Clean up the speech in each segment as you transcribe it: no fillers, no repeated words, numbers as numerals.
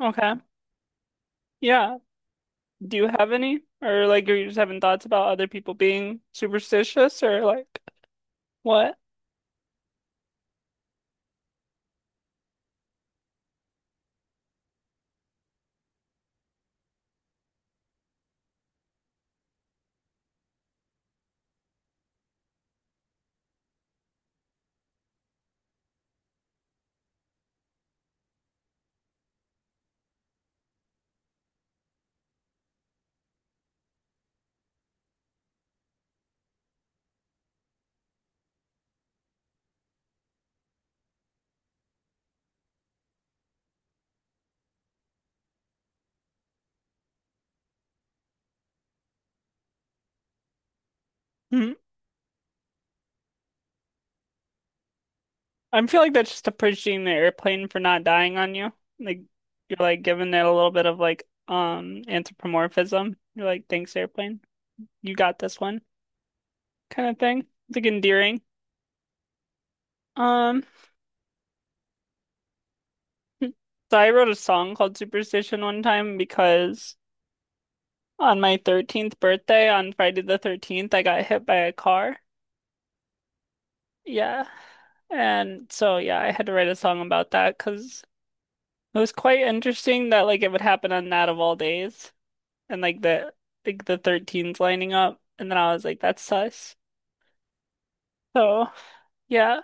Okay. Yeah. Do you have any? Or like are you just having thoughts about other people being superstitious or like what? Hmm. I feel like that's just appreciating the airplane for not dying on you. Like you're like giving it a little bit of like anthropomorphism. You're like, thanks, airplane. You got this one kind of thing. It's like endearing. Um hmm. So I wrote a song called Superstition one time because on my 13th birthday on Friday the 13th I got hit by a car. Yeah. And so yeah, I had to write a song about that because it was quite interesting that like it would happen on that of all days. And like the 13s lining up. And then I was like, that's sus. So yeah.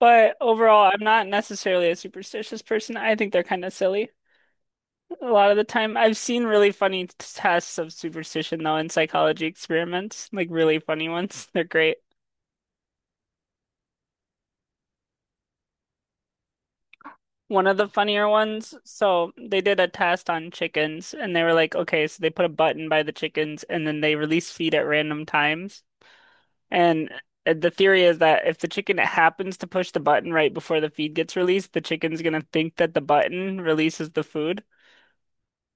But overall, I'm not necessarily a superstitious person. I think they're kind of silly a lot of the time. I've seen really funny tests of superstition though in psychology experiments, like really funny ones. They're great. One of the funnier ones. So they did a test on chickens and they were like, okay, so they put a button by the chickens and then they release feed at random times. And the theory is that if the chicken happens to push the button right before the feed gets released, the chicken's gonna think that the button releases the food.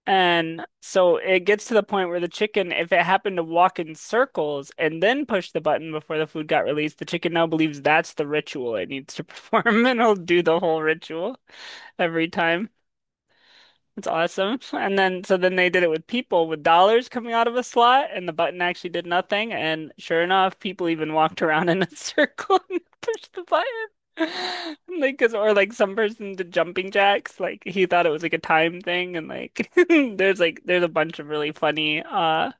And so it gets to the point where the chicken, if it happened to walk in circles and then push the button before the food got released, the chicken now believes that's the ritual it needs to perform and it'll do the whole ritual every time. It's awesome. And then, so then they did it with people with dollars coming out of a slot, and the button actually did nothing. And sure enough, people even walked around in a circle and pushed the button. Like, 'cause, or like some person did jumping jacks. Like, he thought it was like a time thing. And like, there's a bunch of really funny,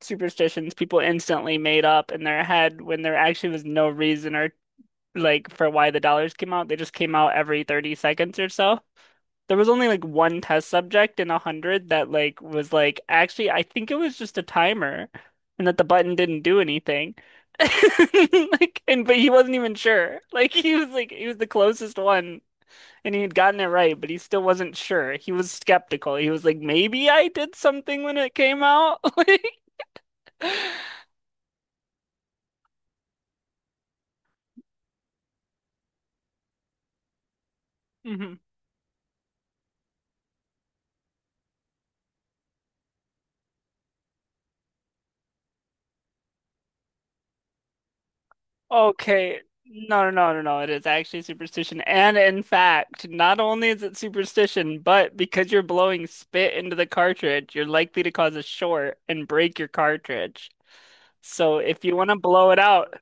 superstitions people instantly made up in their head when there actually was no reason or like for why the dollars came out. They just came out every 30 seconds or so. There was only like one test subject in a hundred that like was like actually I think it was just a timer and that the button didn't do anything. Like and but he wasn't even sure. Like he was the closest one and he had gotten it right, but he still wasn't sure. He was skeptical. He was like, maybe I did something when it came out. Like. Mhm. Okay. No, no, no, no, no. It is actually superstition. And in fact, not only is it superstition, but because you're blowing spit into the cartridge, you're likely to cause a short and break your cartridge. So if you want to blow it out,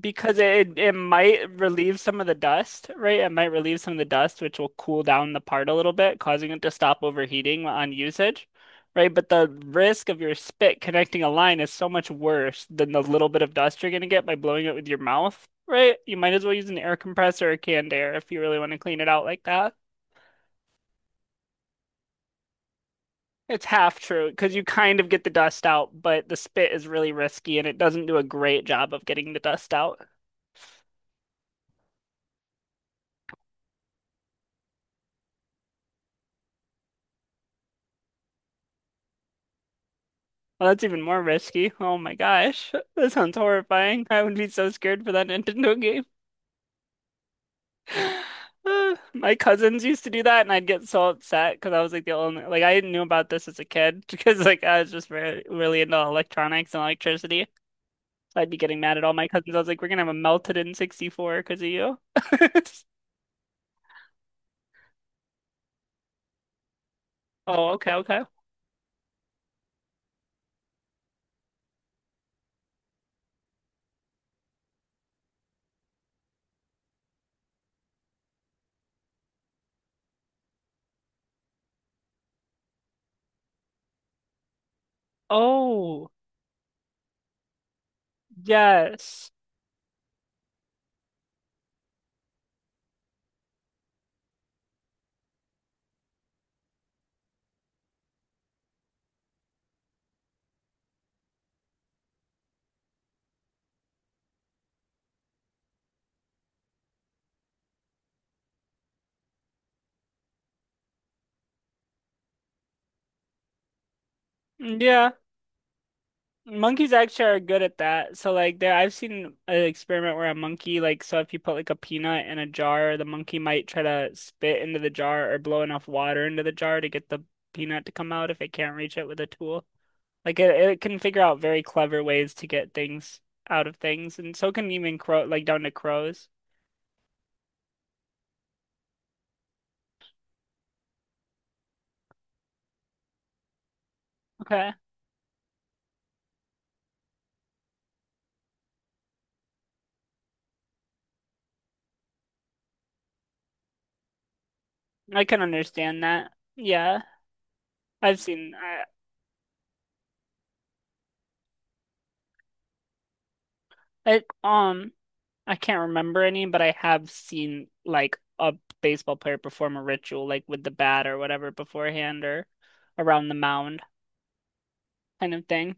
because it might relieve some of the dust, right? It might relieve some of the dust, which will cool down the part a little bit, causing it to stop overheating on usage, right? But the risk of your spit connecting a line is so much worse than the little bit of dust you're gonna get by blowing it with your mouth, right? You might as well use an air compressor or canned air if you really want to clean it out like that. It's half true because you kind of get the dust out, but the spit is really risky and it doesn't do a great job of getting the dust out. Well, that's even more risky. Oh my gosh. That sounds horrifying. I would be so scared for that Nintendo game. My cousins used to do that, and I'd get so upset because I was like the only, like, I knew about this as a kid because, like, I was just re really into electronics and electricity. So I'd be getting mad at all my cousins. I was like, we're gonna have a melted in 64 because of you. Oh, okay, okay. Oh, yes. Mm, yeah. Monkeys actually are good at that. So like there I've seen an experiment where a monkey like so if you put like a peanut in a jar, the monkey might try to spit into the jar or blow enough water into the jar to get the peanut to come out if it can't reach it with a tool. Like it can figure out very clever ways to get things out of things and so can even crow like down to crows. Okay. I can understand that. Yeah. I've seen I, I um I can't remember any, but I have seen like a baseball player perform a ritual, like with the bat or whatever beforehand or around the mound kind of thing.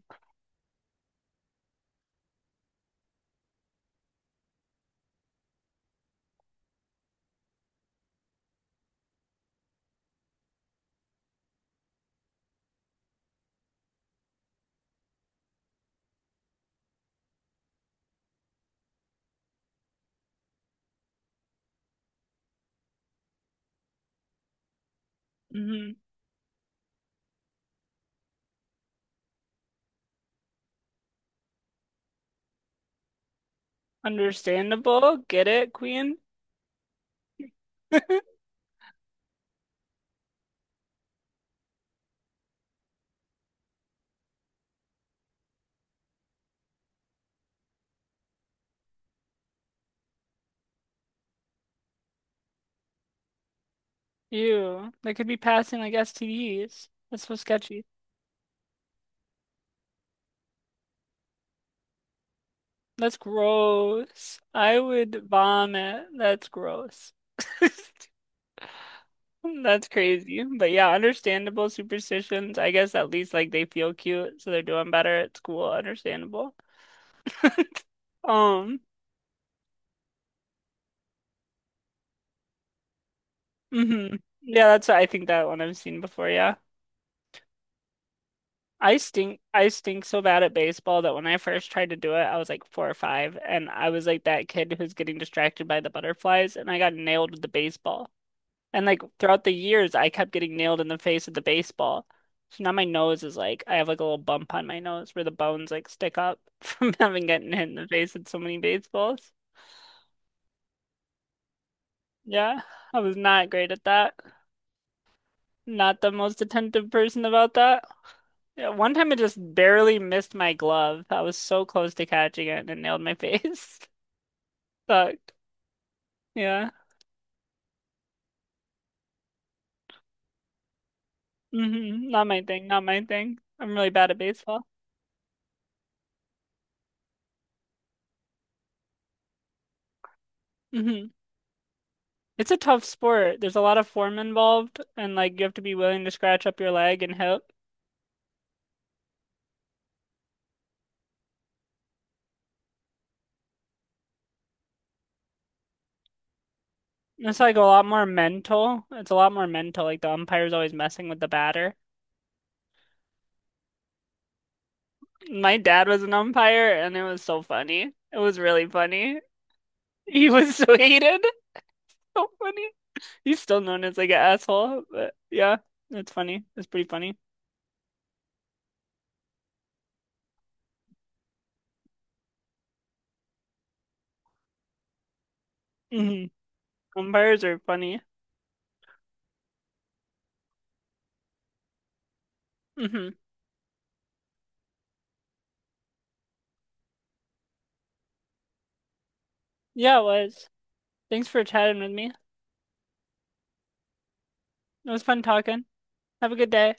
Hmm. Understandable. Get it, Queen? Ew. They could be passing like STDs. That's so sketchy. That's gross. I would vomit. That's gross. That's crazy. But yeah, understandable superstitions. I guess at least like they feel cute, so they're doing better at school. Understandable. Um, mhm. Yeah, that's I think that one I've seen before, yeah. I stink so bad at baseball that when I first tried to do it, I was like four or five, and I was like that kid who's getting distracted by the butterflies, and I got nailed with the baseball. And like throughout the years, I kept getting nailed in the face with the baseball. So now my nose is like I have like a little bump on my nose where the bones like stick up from having gotten hit in the face with so many baseballs. Yeah, I was not great at that. Not the most attentive person about that. Yeah, one time I just barely missed my glove. I was so close to catching it and it nailed my face. Sucked. Yeah. Hmm. Not my thing. Not my thing. I'm really bad at baseball. Hmm. It's a tough sport. There's a lot of form involved, and like you have to be willing to scratch up your leg and hip. It's like a lot more mental. It's a lot more mental. Like the umpire's always messing with the batter. My dad was an umpire, and it was so funny. It was really funny. He was so hated. So funny. He's still known as like an asshole, but yeah, that's funny. That's pretty funny. Hmm. Umpires are funny. Hmm, yeah, it was. Thanks for chatting with me. It was fun talking. Have a good day.